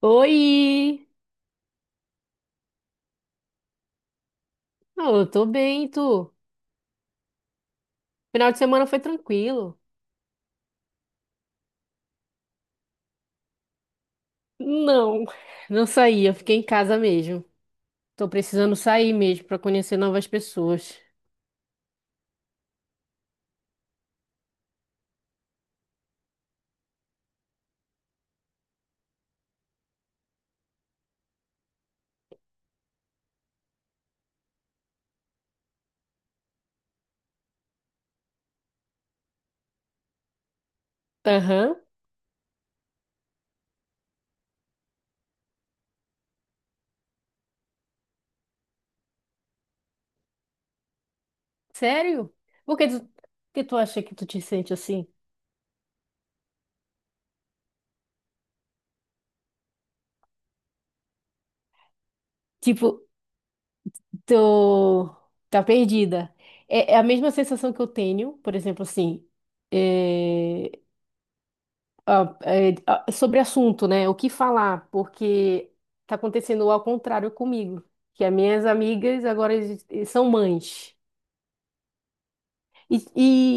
Oi! Oh, eu tô bem, e tu? Final de semana foi tranquilo. Não, não saí, eu fiquei em casa mesmo. Tô precisando sair mesmo pra conhecer novas pessoas. Aham, sério? Por que tu acha que tu te sente assim? Tipo, tô... tá perdida. É a mesma sensação que eu tenho, por exemplo, assim. eh, Sobre assunto, né? O que falar, porque tá acontecendo ao contrário comigo, que as minhas amigas agora são mães. E,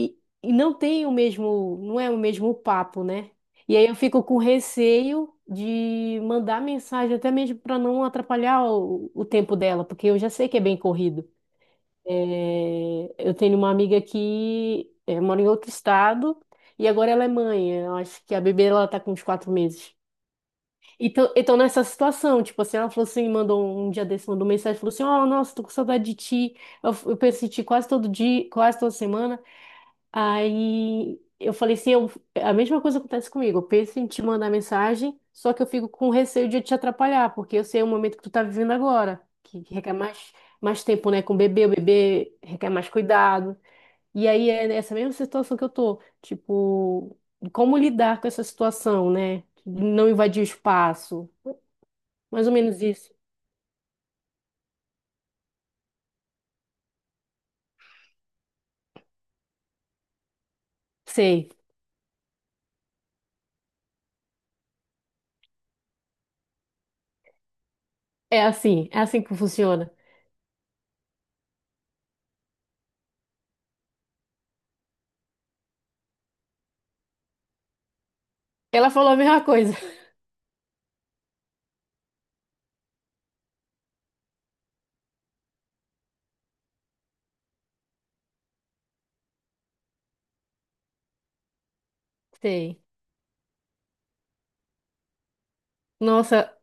e, e não tem o mesmo, não é o mesmo papo, né? E aí eu fico com receio de mandar mensagem, até mesmo para não atrapalhar o tempo dela, porque eu já sei que é bem corrido. É, eu tenho uma amiga que mora em outro estado e agora ela é mãe. Eu acho que a bebê ela tá com uns 4 meses. Então, nessa situação, tipo assim, ela falou assim, mandou um dia desse, mandou mensagem, falou assim, ó, nossa, tô com saudade de ti. Eu penso em ti quase todo dia, quase toda semana. Aí eu falei assim, eu, a mesma coisa acontece comigo. Eu penso em te mandar mensagem, só que eu fico com receio de eu te atrapalhar, porque eu sei o momento que tu tá vivendo agora, que requer mais, mais tempo, né, com o bebê requer mais cuidado. E aí é nessa mesma situação que eu tô, tipo, como lidar com essa situação, né, não invadir o espaço, mais ou menos isso. Sei. É assim que funciona. Ela falou a mesma coisa. Sei. Nossa,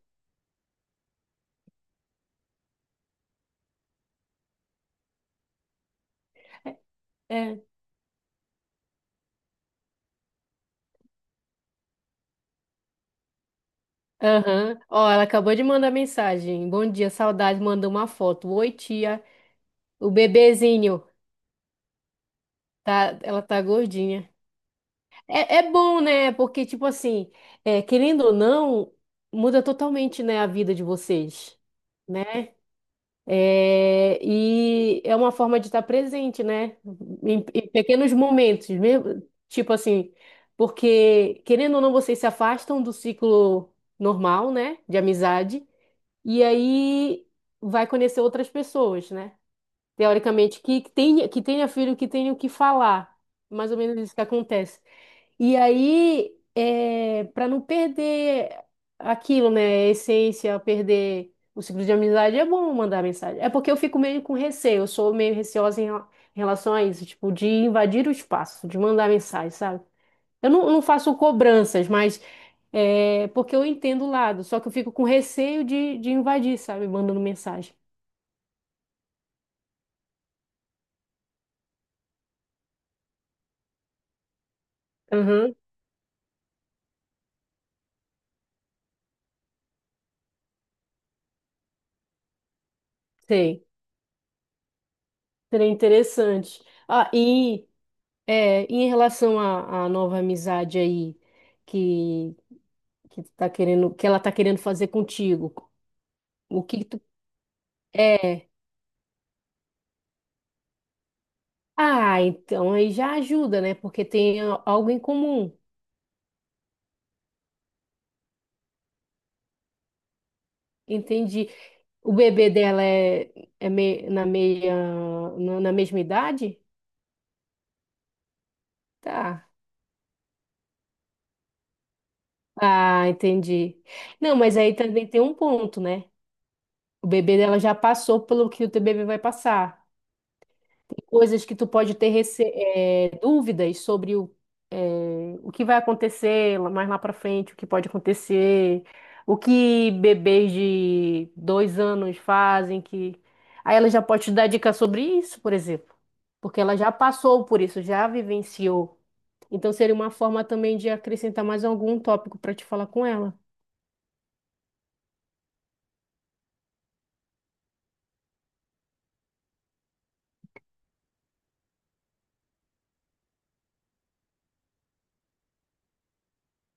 é. Aham. Ó, ela acabou de mandar mensagem. Bom dia, saudade. Mandou uma foto. Oi, tia. O bebezinho. Tá, ela tá gordinha. É bom, né? Porque, tipo assim, querendo ou não, muda totalmente, né, a vida de vocês. Né. É, e é uma forma de estar presente, né? Em pequenos momentos, mesmo, tipo assim, porque querendo ou não, vocês se afastam do ciclo normal, né? De amizade, e aí vai conhecer outras pessoas, né? Teoricamente, que tenha filho, que tenha o que falar. Mais ou menos isso que acontece. E aí, para não perder aquilo, né? A essência, perder o ciclo de amizade, é bom mandar mensagem. É porque eu fico meio com receio, eu sou meio receosa em relação a isso, tipo, de invadir o espaço, de mandar mensagem, sabe? Eu não, não faço cobranças, mas é porque eu entendo o lado, só que eu fico com receio de invadir, sabe? Mandando mensagem. Aham, sei. Seria interessante. Ah, e. É, e em relação à nova amizade aí que, que tu tá querendo, que ela tá querendo fazer contigo, o que que tu é? Ah, então aí já ajuda, né? Porque tem algo em comum. Entendi. O bebê dela na meia, na mesma idade? Tá. Ah, entendi. Não, mas aí também tem um ponto, né? O bebê dela já passou pelo que o teu bebê vai passar. Coisas que tu pode ter dúvidas sobre o que vai acontecer mais lá para frente, o que pode acontecer, o que bebês de 2 anos fazem, que aí ela já pode te dar dica sobre isso, por exemplo, porque ela já passou por isso, já vivenciou. Então seria uma forma também de acrescentar mais algum tópico para te falar com ela,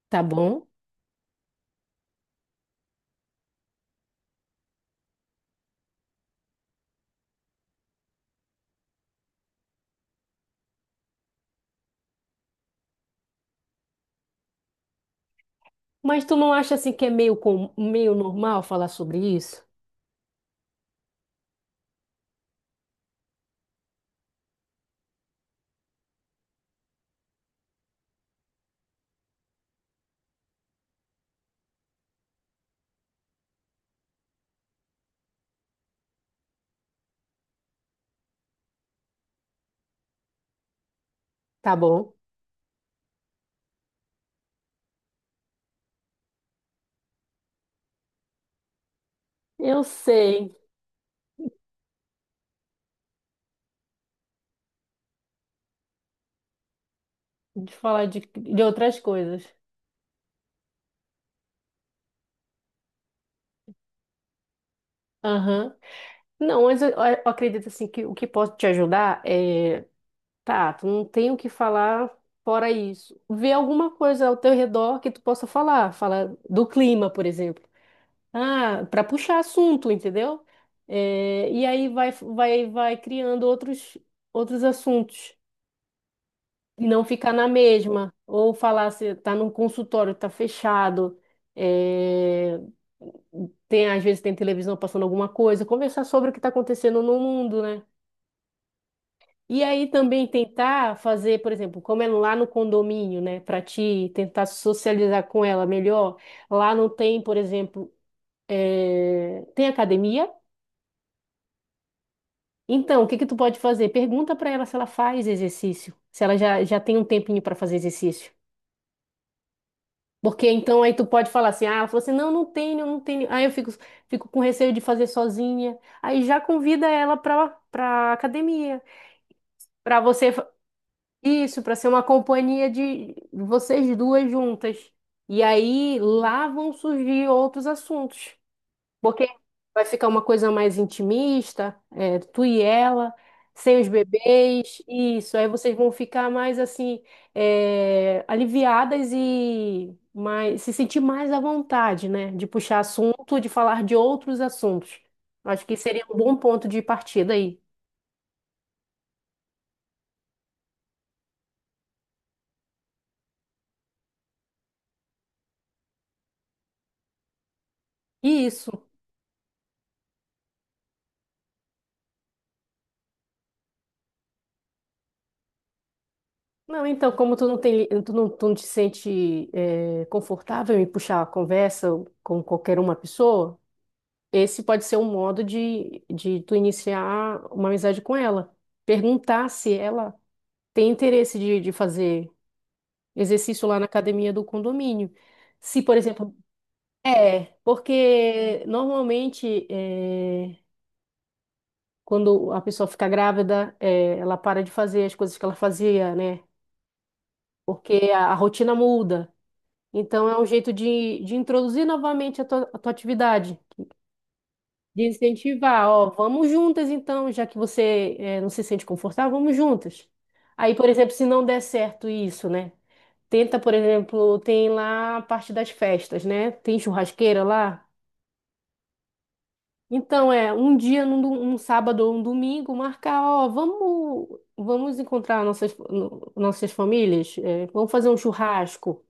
tá bom? Mas tu não acha assim que é meio normal falar sobre isso? Tá bom. Eu sei. De falar de outras coisas. Aham. Não, mas eu acredito assim que o que posso te ajudar é, tá, tu não tem o que falar fora isso. Vê alguma coisa ao teu redor que tu possa falar, fala do clima, por exemplo. Ah, para puxar assunto, entendeu? É, e aí vai criando outros, outros assuntos. E não ficar na mesma, ou falar se tá num consultório, tá fechado. é, Tem, às vezes tem televisão passando alguma coisa, conversar sobre o que está acontecendo no mundo, né? E aí também tentar fazer, por exemplo, como é lá no condomínio, né, para ti tentar socializar com ela melhor. Lá não tem, por exemplo, tem academia. Então, o que que tu pode fazer? Pergunta para ela se ela faz exercício, se ela já tem um tempinho para fazer exercício. Porque então aí tu pode falar assim, ah, ela falou assim, não, não tenho, não tenho. Aí eu fico com receio de fazer sozinha. Aí já convida ela pra academia, pra você, fa- isso, pra ser uma companhia de vocês duas juntas. E aí lá vão surgir outros assuntos. Porque vai ficar uma coisa mais intimista, tu e ela, sem os bebês, isso. Aí vocês vão ficar mais assim, aliviadas e mais, se sentir mais à vontade, né? De puxar assunto, de falar de outros assuntos. Acho que seria um bom ponto de partida aí. E isso. Não, então, como tu não tem, tu não te sente, confortável em puxar a conversa com qualquer uma pessoa, esse pode ser um modo de tu iniciar uma amizade com ela. Perguntar se ela tem interesse de fazer exercício lá na academia do condomínio. Se, por exemplo, porque normalmente quando a pessoa fica grávida, ela para de fazer as coisas que ela fazia, né? Porque a rotina muda. Então é um jeito de introduzir novamente a tua, atividade. De incentivar, ó, vamos juntas então, já que você não se sente confortável, vamos juntas. Aí, por exemplo, se não der certo isso, né? Tenta, por exemplo, tem lá a parte das festas, né? Tem churrasqueira lá. Então, é um dia, um sábado ou um domingo, marcar, ó, vamos encontrar nossas, no- nossas famílias, vamos fazer um churrasco.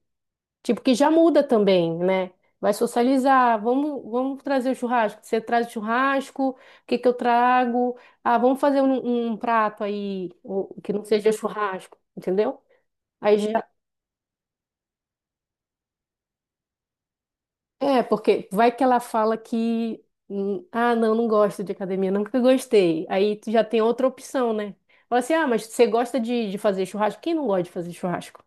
Tipo, que já muda também, né? Vai socializar, vamos trazer o churrasco. Você traz o churrasco, o que que eu trago? Ah, vamos fazer um prato aí, que não seja churrasco, entendeu? Aí já. É, porque vai que ela fala que. Ah, não, não gosto de academia, nunca gostei. Aí tu já tem outra opção, né? Fala assim, ah, mas você gosta de fazer churrasco? Quem não gosta de fazer churrasco,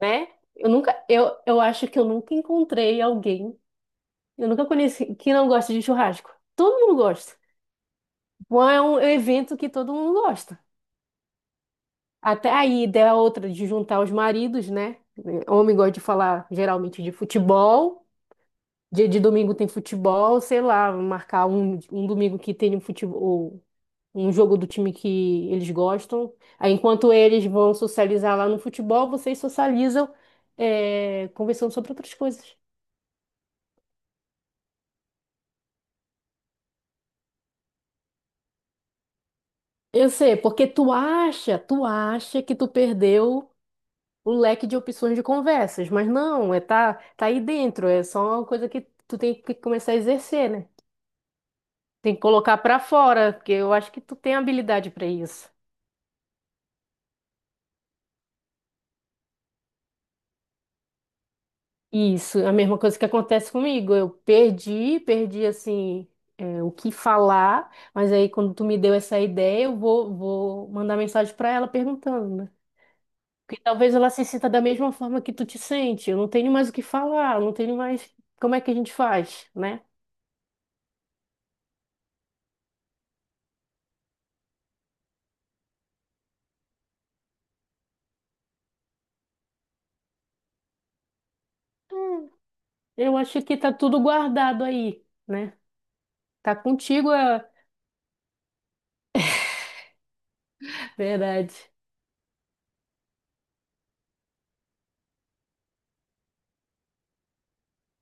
né? Eu acho que eu nunca encontrei alguém. Eu nunca conheci quem não gosta de churrasco. Todo mundo gosta. Bom, é um evento que todo mundo gosta. Até aí, ideia é outra de juntar os maridos, né? Homem gosta de falar geralmente de futebol. Dia de domingo tem futebol, sei lá, marcar um domingo que tem um futebol, um jogo do time que eles gostam. Aí, enquanto eles vão socializar lá no futebol, vocês socializam, conversando sobre outras coisas. Eu sei, porque tu acha que tu perdeu o leque de opções de conversas, mas não, tá aí dentro, é só uma coisa que tu tem que começar a exercer, né? Tem que colocar pra fora, porque eu acho que tu tem habilidade pra isso. Isso, é a mesma coisa que acontece comigo. Eu perdi assim, o que falar, mas aí quando tu me deu essa ideia, eu vou mandar mensagem pra ela perguntando, né? Porque talvez ela se sinta da mesma forma que tu te sente. Eu não tenho mais o que falar, eu não tenho mais. Como é que a gente faz, né? Eu acho que tá tudo guardado aí, né? Tá contigo a verdade.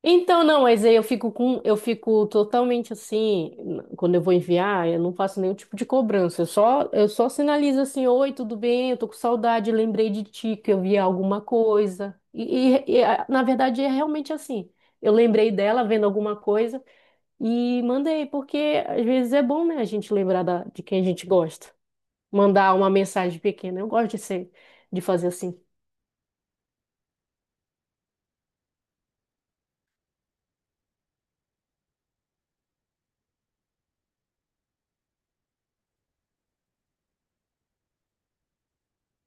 Então, não, mas aí eu fico totalmente assim, quando eu vou enviar, eu não faço nenhum tipo de cobrança. Eu só sinalizo assim, oi, tudo bem? Eu tô com saudade, lembrei de ti, que eu vi alguma coisa. E na verdade é realmente assim. Eu lembrei dela vendo alguma coisa e mandei, porque às vezes é bom, né, a gente lembrar de quem a gente gosta. Mandar uma mensagem pequena. Eu gosto de ser, De fazer assim.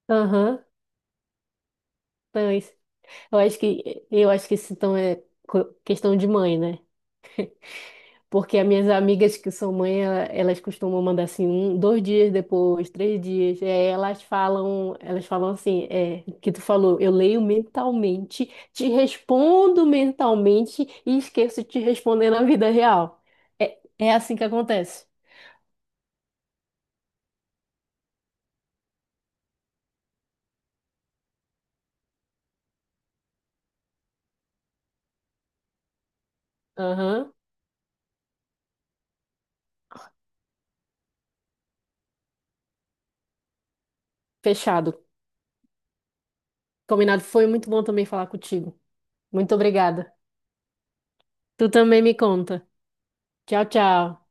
Aham, então é isso. Eu acho que isso então é questão de mãe, né? Porque as minhas amigas que são mãe, elas costumam mandar assim, um, 2 dias depois, 3 dias. E aí elas falam assim, que tu falou, eu leio mentalmente, te respondo mentalmente e esqueço de te responder na vida real. É assim que acontece. Aham, fechado. Combinado. Foi muito bom também falar contigo. Muito obrigada. Tu também me conta. Tchau, tchau.